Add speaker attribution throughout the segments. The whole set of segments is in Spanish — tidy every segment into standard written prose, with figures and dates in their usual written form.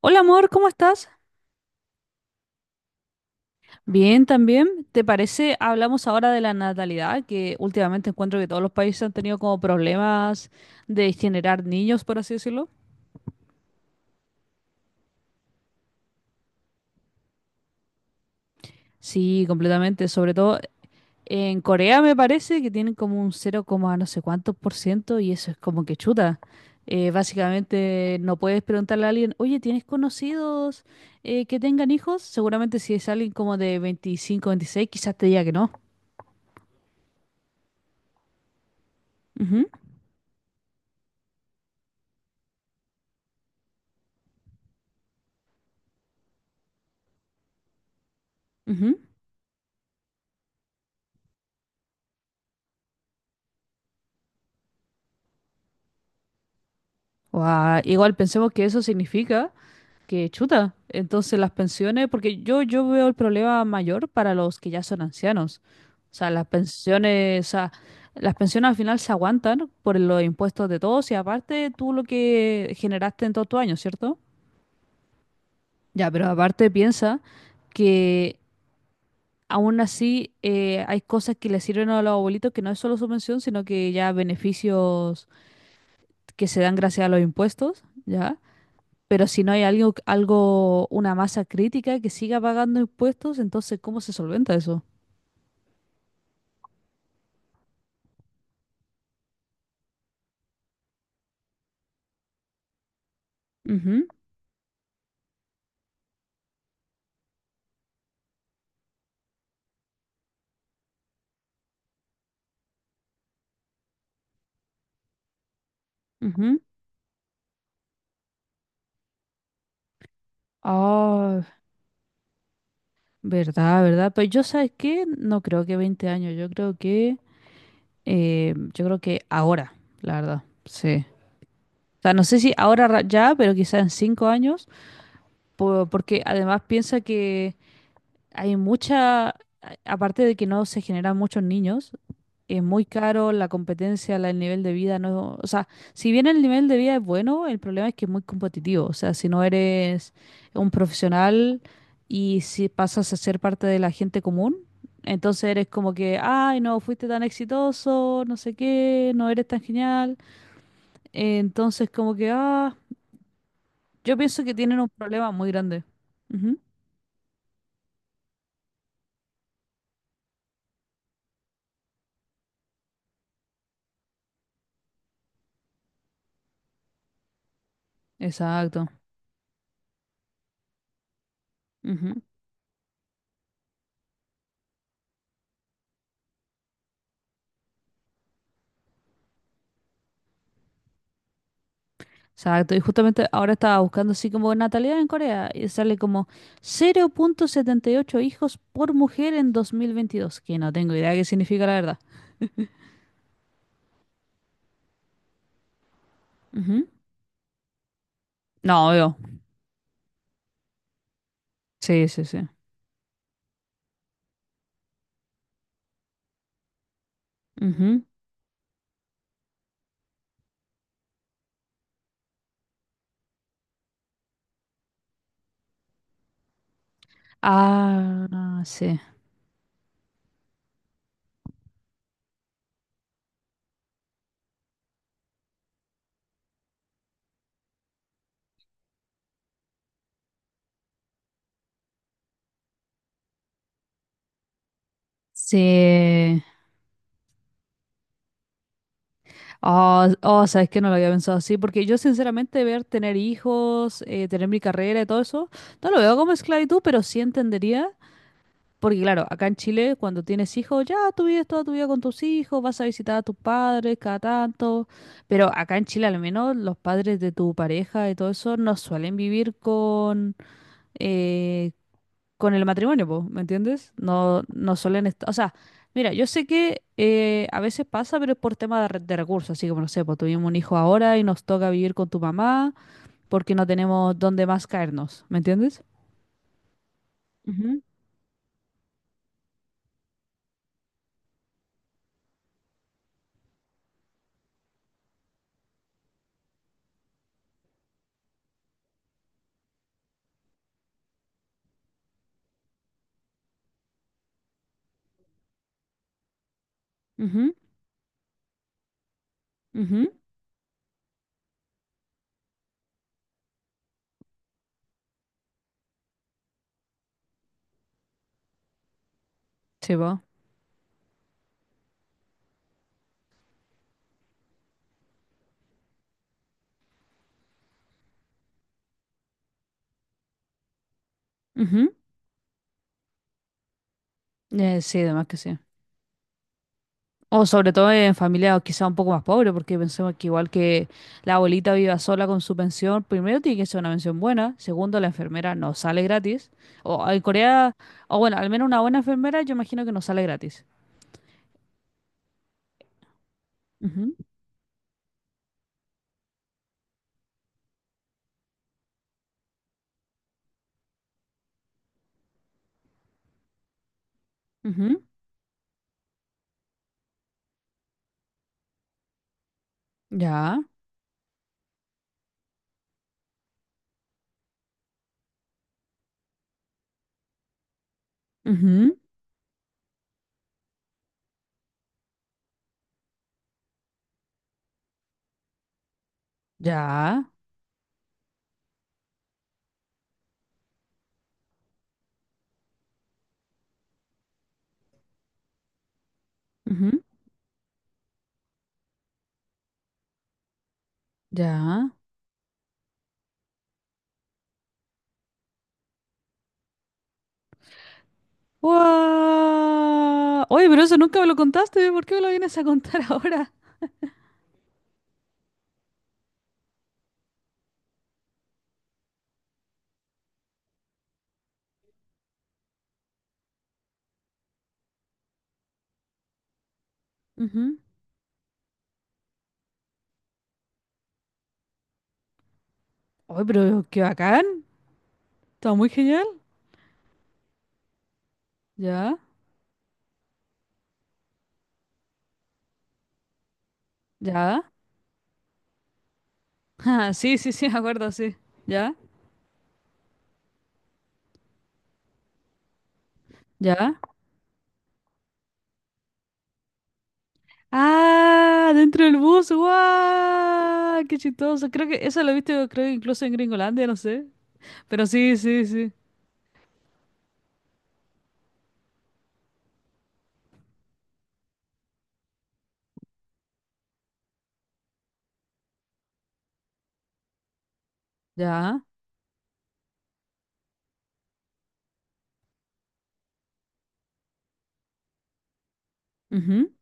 Speaker 1: Hola amor, ¿cómo estás? Bien, también. ¿Te parece? Hablamos ahora de la natalidad, que últimamente encuentro que todos los países han tenido como problemas de generar niños, por así decirlo. Sí, completamente. Sobre todo en Corea me parece que tienen como un 0, no sé cuántos por ciento y eso es como que chuta. Básicamente no puedes preguntarle a alguien, oye, ¿tienes conocidos que tengan hijos? Seguramente si es alguien como de 25, 26, quizás te diga que no. Ujú, ujú. Guau, igual pensemos que eso significa que chuta. Entonces las pensiones, porque yo veo el problema mayor para los que ya son ancianos. O sea, las pensiones, o sea, las pensiones al final se aguantan por los impuestos de todos y aparte tú lo que generaste en todos tus años, ¿cierto? Ya, pero aparte piensa que aún así hay cosas que le sirven a los abuelitos que no es solo su pensión, sino que ya beneficios que se dan gracias a los impuestos, ¿ya? Pero si no hay algo, una masa crítica que siga pagando impuestos, entonces ¿cómo se solventa eso? Ujú, ujú. Ah, verdad, verdad. Pues yo, ¿sabes qué? No creo que 20 años, yo creo que ahora, la verdad, sí. O sea, no sé si ahora ya, pero quizás en 5 años, porque además piensa que hay mucha, a- aparte de que no se generan muchos niños, es muy caro la competencia, el nivel de vida, no, o sea, si bien el nivel de vida es bueno, el problema es que es muy competitivo, o sea, si no eres un profesional y si pasas a ser parte de la gente común, entonces eres como que, ay, no fuiste tan exitoso, no sé qué, no eres tan genial, entonces como que, ah, yo pienso que tienen un problema muy grande. Ujú, exacto. Exacto, y justamente ahora estaba buscando así como natalidad en Corea y sale como 0,78 hijos por mujer en 2022, que no tengo idea qué significa la verdad. Ujú. No, obvio. Sí, sí, sí. Ujú. Ah, sí. Sí. Oh, oh, sabes que no lo había pensado así, porque yo sinceramente ver tener hijos, tener mi carrera y todo eso, no lo veo como esclavitud, pero sí entendería. Porque claro, acá en Chile, cuando tienes hijos, ya tú vives toda tu vida con tus hijos, vas a visitar a tus padres cada tanto, pero acá en Chile al menos los padres de tu pareja y todo eso no suelen vivir eh, con el matrimonio, po, ¿me entiendes? No, no suelen estar, o sea, mira, yo sé que a veces pasa, pero es por tema de recursos, así como no sé, pues tuvimos un hijo ahora y nos toca vivir con tu mamá porque no tenemos dónde más caernos, ¿me entiendes? Ujú, ujú, ujú. Sí, po. Ujú. Sí, además que sí. O sobre todo en familia quizá un poco más pobre, porque pensemos que igual que la abuelita viva sola con su pensión, primero tiene que ser una pensión buena, segundo la enfermera no sale gratis. O en Corea, o bueno, al menos una buena enfermera yo imagino que no sale gratis. Ujú, ujú, ya, ujú, ya, ujú, ya. ¡Guau! Oye, pero eso nunca me lo contaste, ¿por qué me lo vienes a contar ahora? Ujú. Oye, pero qué bacán, está muy genial. Ya, ya. Ah, sí, sí, sí, me acuerdo, sí. ¿Ya? ¿Ya? ¡Ah! ¡Dentro del bus! ¡Guau! ¡Qué chistoso! Creo que eso lo he visto, creo, incluso en Gringolandia, no sé. Pero sí, sí, sí. ¿Ya? Ujú.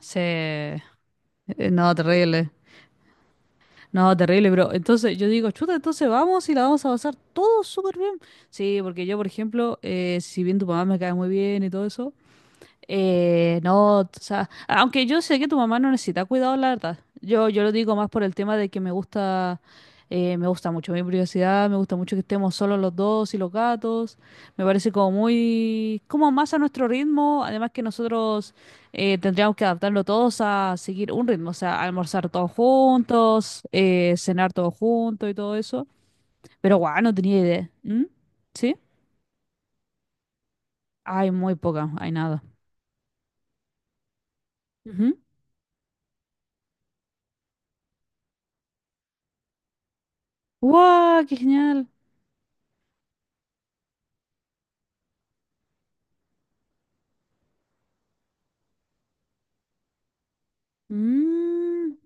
Speaker 1: Sí. No, terrible. No, terrible, bro. Entonces yo digo, chuta, entonces vamos y la vamos a pasar todo súper bien. Sí, porque yo, por ejemplo, si bien tu mamá me cae muy bien y todo eso, no, o sea, aunque yo sé que tu mamá no necesita cuidado, la verdad. Yo lo digo más por el tema de que me gusta mucho mi privacidad, me gusta mucho que estemos solos los dos y los gatos. Me parece como muy, como más a nuestro ritmo. Además que nosotros tendríamos que adaptarlo todos a seguir un ritmo, o sea, almorzar todos juntos, cenar todos juntos y todo eso. Pero guau, no tenía idea. ¿Mm? ¿Sí? Hay muy poca, hay nada. Ujú. ¡Guau! ¡Qué genial! Mm,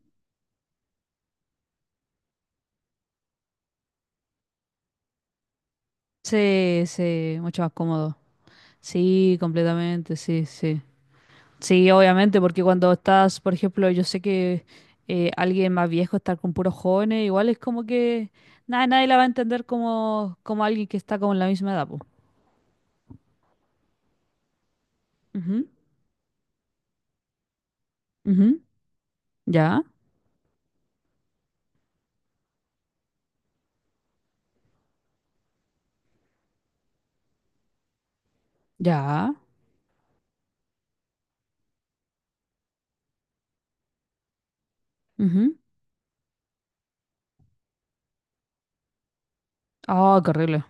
Speaker 1: sí, sí, mucho más cómodo. Sí, completamente, sí, sí. Sí, obviamente, porque cuando estás, por ejemplo, yo sé que alguien más viejo estar con puros jóvenes, igual es como que nada, nadie la va a entender como, como alguien que está como en la misma edad, po. Ujú, ujú, ya, ya, ujú. Ah, qué horrible.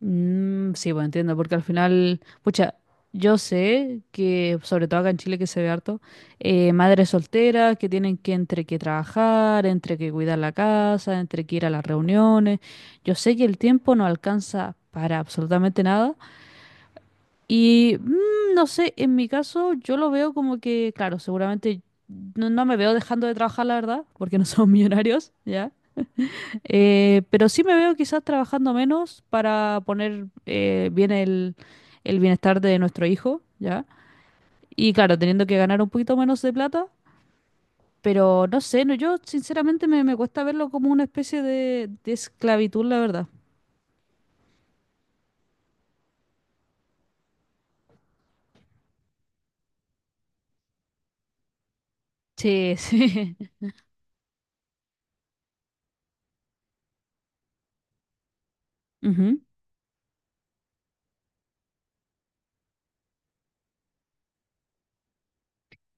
Speaker 1: Mm, sí, pues entiendo, porque al final, pucha, yo sé que, sobre todo acá en Chile que se ve harto, madres solteras que tienen que entre que trabajar, entre que cuidar la casa, entre que ir a las reuniones. Yo sé que el tiempo no alcanza para absolutamente nada. Y no sé, en mi caso yo lo veo como que, claro, seguramente no, no me veo dejando de trabajar, la verdad, porque no somos millonarios, ¿ya? Pero sí me veo quizás trabajando menos para poner bien el bienestar de nuestro hijo, ¿ya? Y claro, teniendo que ganar un poquito menos de plata, pero no sé, no, yo sinceramente me cuesta verlo como una especie de esclavitud, la verdad. Sí, sí. Ujú.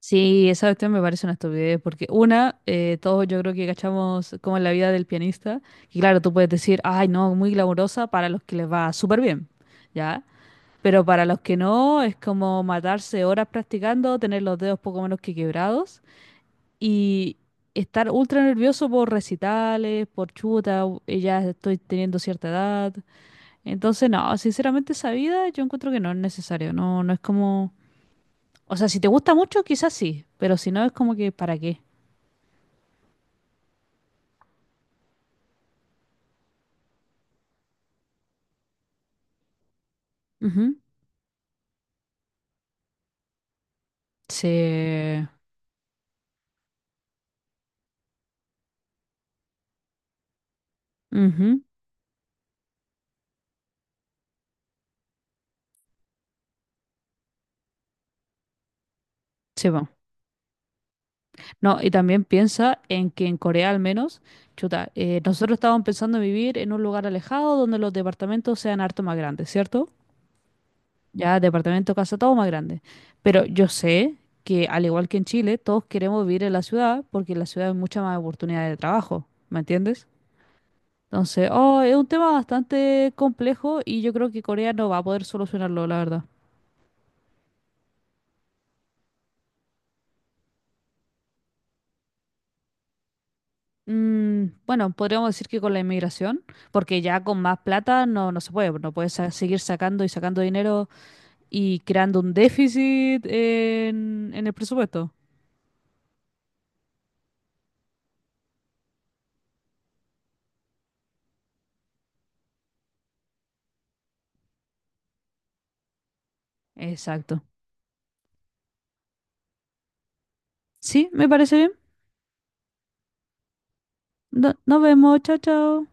Speaker 1: Sí, esa cuestión me parece una estupidez, porque todos yo creo que cachamos como en la vida del pianista, y claro, tú puedes decir, ay, no, muy glamurosa para los que les va súper bien, ¿ya? Pero para los que no, es como matarse horas practicando, tener los dedos poco menos que quebrados y estar ultra nervioso por recitales, por chuta, y ya estoy teniendo cierta edad. Entonces, no, sinceramente esa vida yo encuentro que no es necesario, no, no es como... O sea, si te gusta mucho, quizás sí, pero si no, es como que ¿para qué? Ujú. Se... Ujú, se va. No, y también piensa en que en Corea al menos, chuta, nosotros estábamos pensando en vivir en un lugar alejado donde los departamentos sean harto más grandes, ¿cierto? Ya, departamento, casa, todo más grande. Pero yo sé que al igual que en Chile, todos queremos vivir en la ciudad porque en la ciudad hay mucha más oportunidad de trabajo, ¿me entiendes? Entonces, oh, es un tema bastante complejo y yo creo que Corea no va a poder solucionarlo, la verdad. Mm, bueno, podríamos decir que con la inmigración, porque ya con más plata no, no se puede, no puedes seguir sacando y sacando dinero y creando un déficit en el presupuesto. Exacto. Sí, me parece bien. Nos vemos, chao, chao.